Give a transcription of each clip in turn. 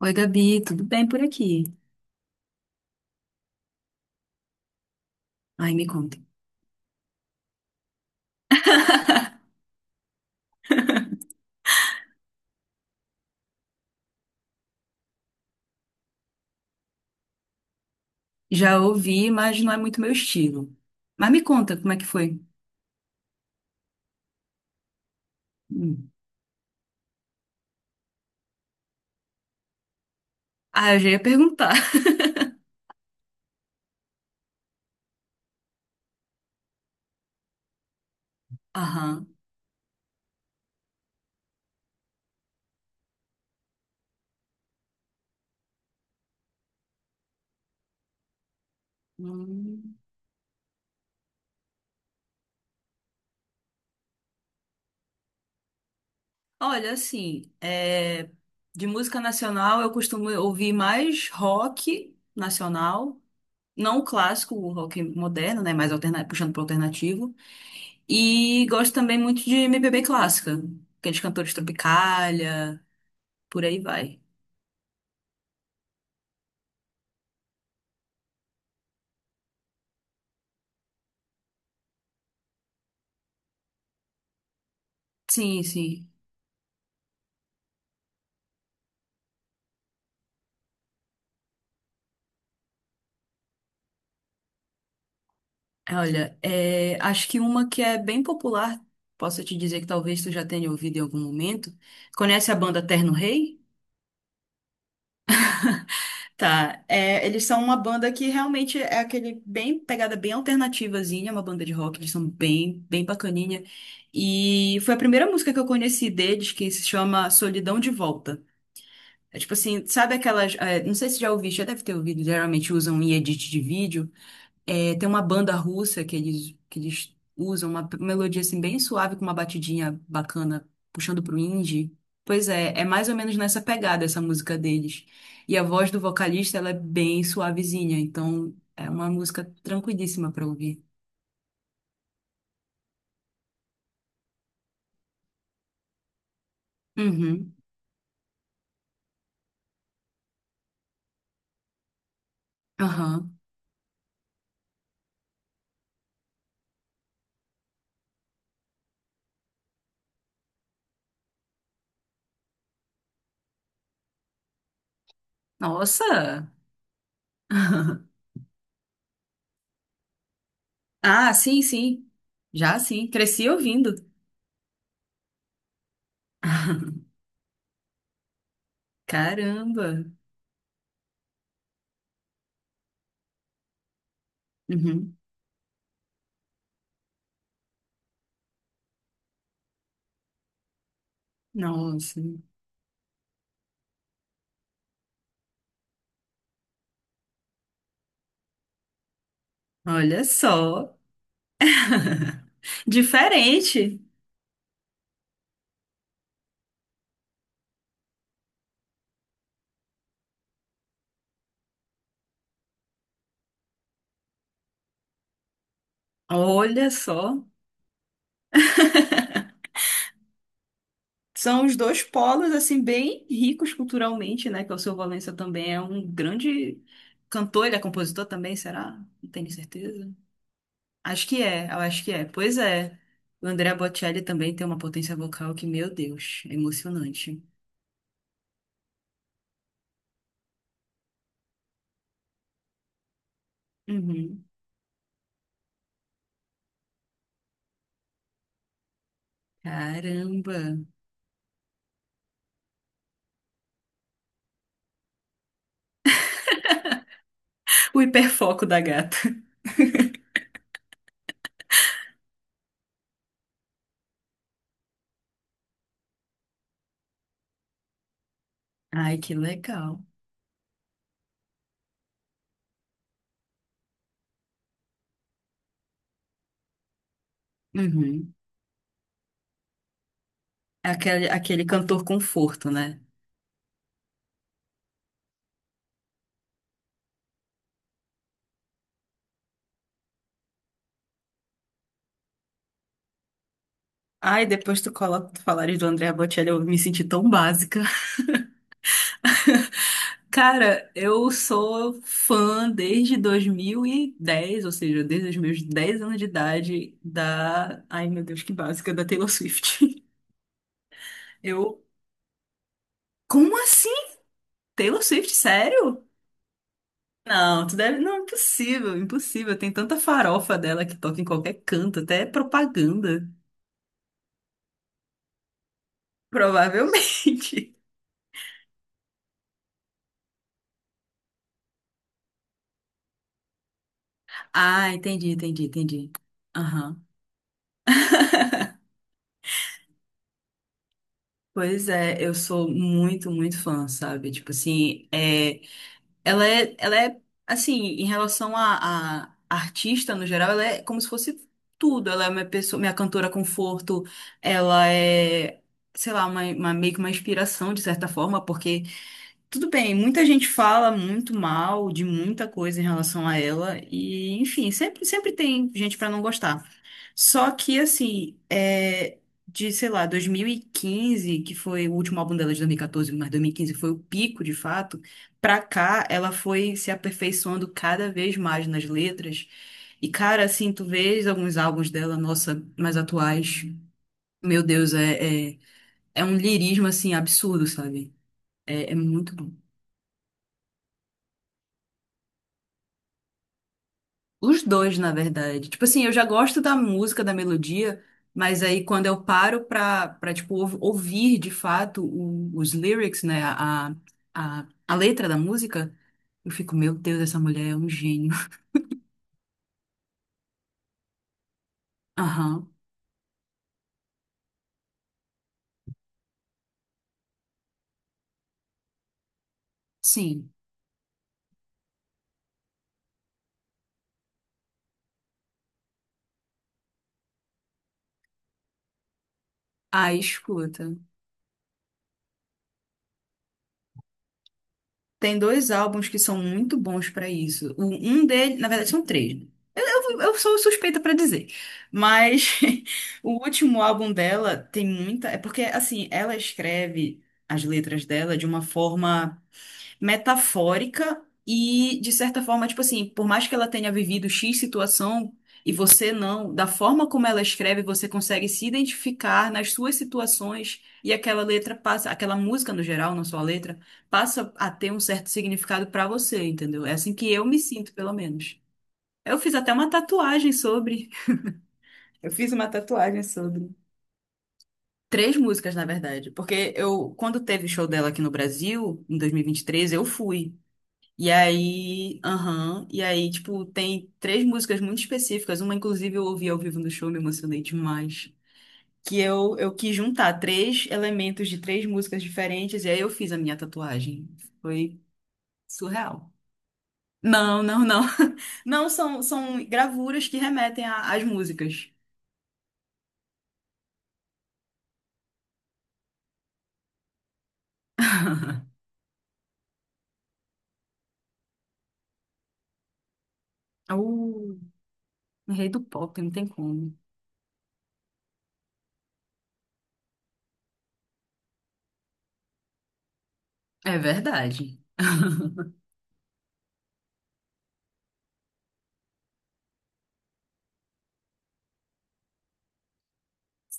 Oi, Gabi, tudo bem por aqui? Ai, me conta. Já ouvi, mas não é muito meu estilo. Mas me conta, como é que foi? Hum. Ah, eu já ia perguntar. Aham. Hum. Olha, assim, é, de música nacional eu costumo ouvir mais rock nacional, não o clássico, o rock moderno, né? Mais alterna... puxando para alternativo. E gosto também muito de MPB clássica, aqueles cantores Tropicália, por aí vai. Sim, sim. Olha, é, acho que uma que é bem popular, posso te dizer que talvez tu já tenha ouvido em algum momento. Conhece a banda Terno Rei? Tá, é, eles são uma banda que realmente é aquele bem pegada bem alternativazinha, uma banda de rock, eles são bem, bem bacaninha. E foi a primeira música que eu conheci deles, que se chama Solidão de Volta. É tipo assim, sabe aquelas, é, não sei se já ouviste, já deve ter ouvido, geralmente usam em edit de vídeo. É, tem uma banda russa que eles usam, uma melodia assim bem suave, com uma batidinha bacana, puxando pro indie. Pois é, é mais ou menos nessa pegada essa música deles. E a voz do vocalista, ela é bem suavezinha, então é uma música tranquilíssima pra ouvir. Uhum, aham. Nossa! Ah, sim, sim. Já sim, cresci ouvindo. Caramba! Uhum. Nossa, olha só. Diferente. Olha só. São os dois polos, assim, bem ricos culturalmente, né? Que o Alceu Valença também é um grande cantor, ele é compositor também, será? Não tenho certeza. Eu acho que é. Pois é. O Andrea Bocelli também tem uma potência vocal que, meu Deus, é emocionante. Uhum. Caramba. O hiperfoco da gata. Ai, que legal. Uhum. Aquele cantor conforto, né? Ai, depois tu coloca, tu falares do Andrea Bocelli, eu me senti tão básica. Cara, eu sou fã desde 2010, ou seja, desde os meus 10 anos de idade da... Ai, meu Deus, que básica, da Taylor Swift. Eu... Como assim? Taylor Swift, sério? Não, tu deve... Não, impossível, impossível. Tem tanta farofa dela que toca em qualquer canto, até é propaganda. Provavelmente. Ah, entendi, entendi, entendi. Aham. Pois é, eu sou muito, muito fã, sabe? Tipo assim, é... Ela é assim, em relação a artista no geral, ela é como se fosse tudo. Ela é minha pessoa, minha cantora conforto, ela é, sei lá, uma, meio que uma inspiração de certa forma, porque tudo bem, muita gente fala muito mal de muita coisa em relação a ela, e enfim, sempre, sempre tem gente pra não gostar. Só que, assim, é, de sei lá, 2015, que foi o último álbum dela de 2014, mas 2015 foi o pico de fato, pra cá ela foi se aperfeiçoando cada vez mais nas letras. E, cara, assim, tu vês alguns álbuns dela, nossa, mais atuais, meu Deus, é, é, é um lirismo, assim, absurdo, sabe? É muito bom. Os dois, na verdade. Tipo assim, eu já gosto da música, da melodia, mas aí quando eu paro pra, pra tipo, ouvir de fato os lyrics, né, a letra da música, eu fico, meu Deus, essa mulher é um gênio. Aham, sim. Aí escuta. Tem dois álbuns que são muito bons pra isso. Um dele, na verdade, são três, né? Eu sou suspeita pra dizer. Mas o último álbum dela tem muita. É porque, assim, ela escreve as letras dela de uma forma metafórica e, de certa forma, tipo assim, por mais que ela tenha vivido X situação e você não, da forma como ela escreve, você consegue se identificar nas suas situações e aquela letra passa, aquela música no geral, não só a letra, passa a ter um certo significado pra você, entendeu? É assim que eu me sinto, pelo menos. Eu fiz até uma tatuagem sobre. Eu fiz uma tatuagem sobre. Três músicas, na verdade, porque eu, quando teve o show dela aqui no Brasil, em dois mil e vinte e três eu fui. E aí, aham, tipo, tem três músicas muito específicas, uma inclusive eu ouvi ao vivo no show, me emocionei demais, que eu quis juntar três elementos de três músicas diferentes, e aí eu fiz a minha tatuagem. Foi surreal. Não, não, não. Não, são gravuras que remetem às músicas. O rei do pop, não tem como. É verdade.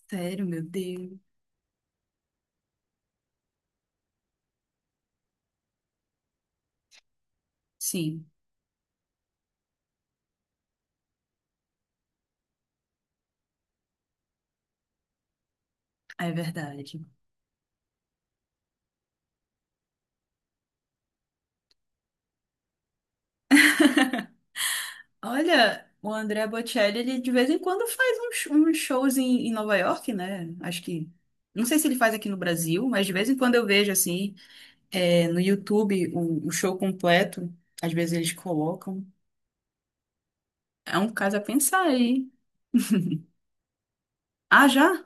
Sério, meu Deus. Sim, é verdade. Olha, o André Bocelli, ele de vez em quando faz uns shows em Nova York, né? Acho que. Não sei se ele faz aqui no Brasil, mas de vez em quando eu vejo, assim, é, no YouTube o show completo. Às vezes eles colocam. É um caso a pensar aí. Ah, já?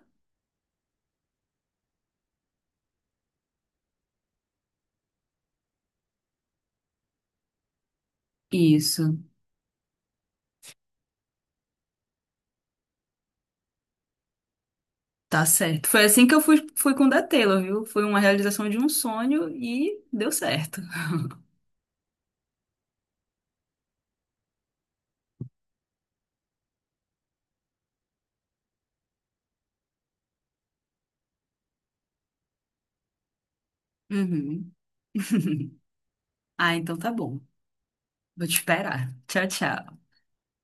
Isso, tá certo. Foi assim que eu fui, com o da Taylor, viu? Foi uma realização de um sonho e deu certo. Uhum. Ah, então tá bom. Vou te esperar. Tchau, tchau.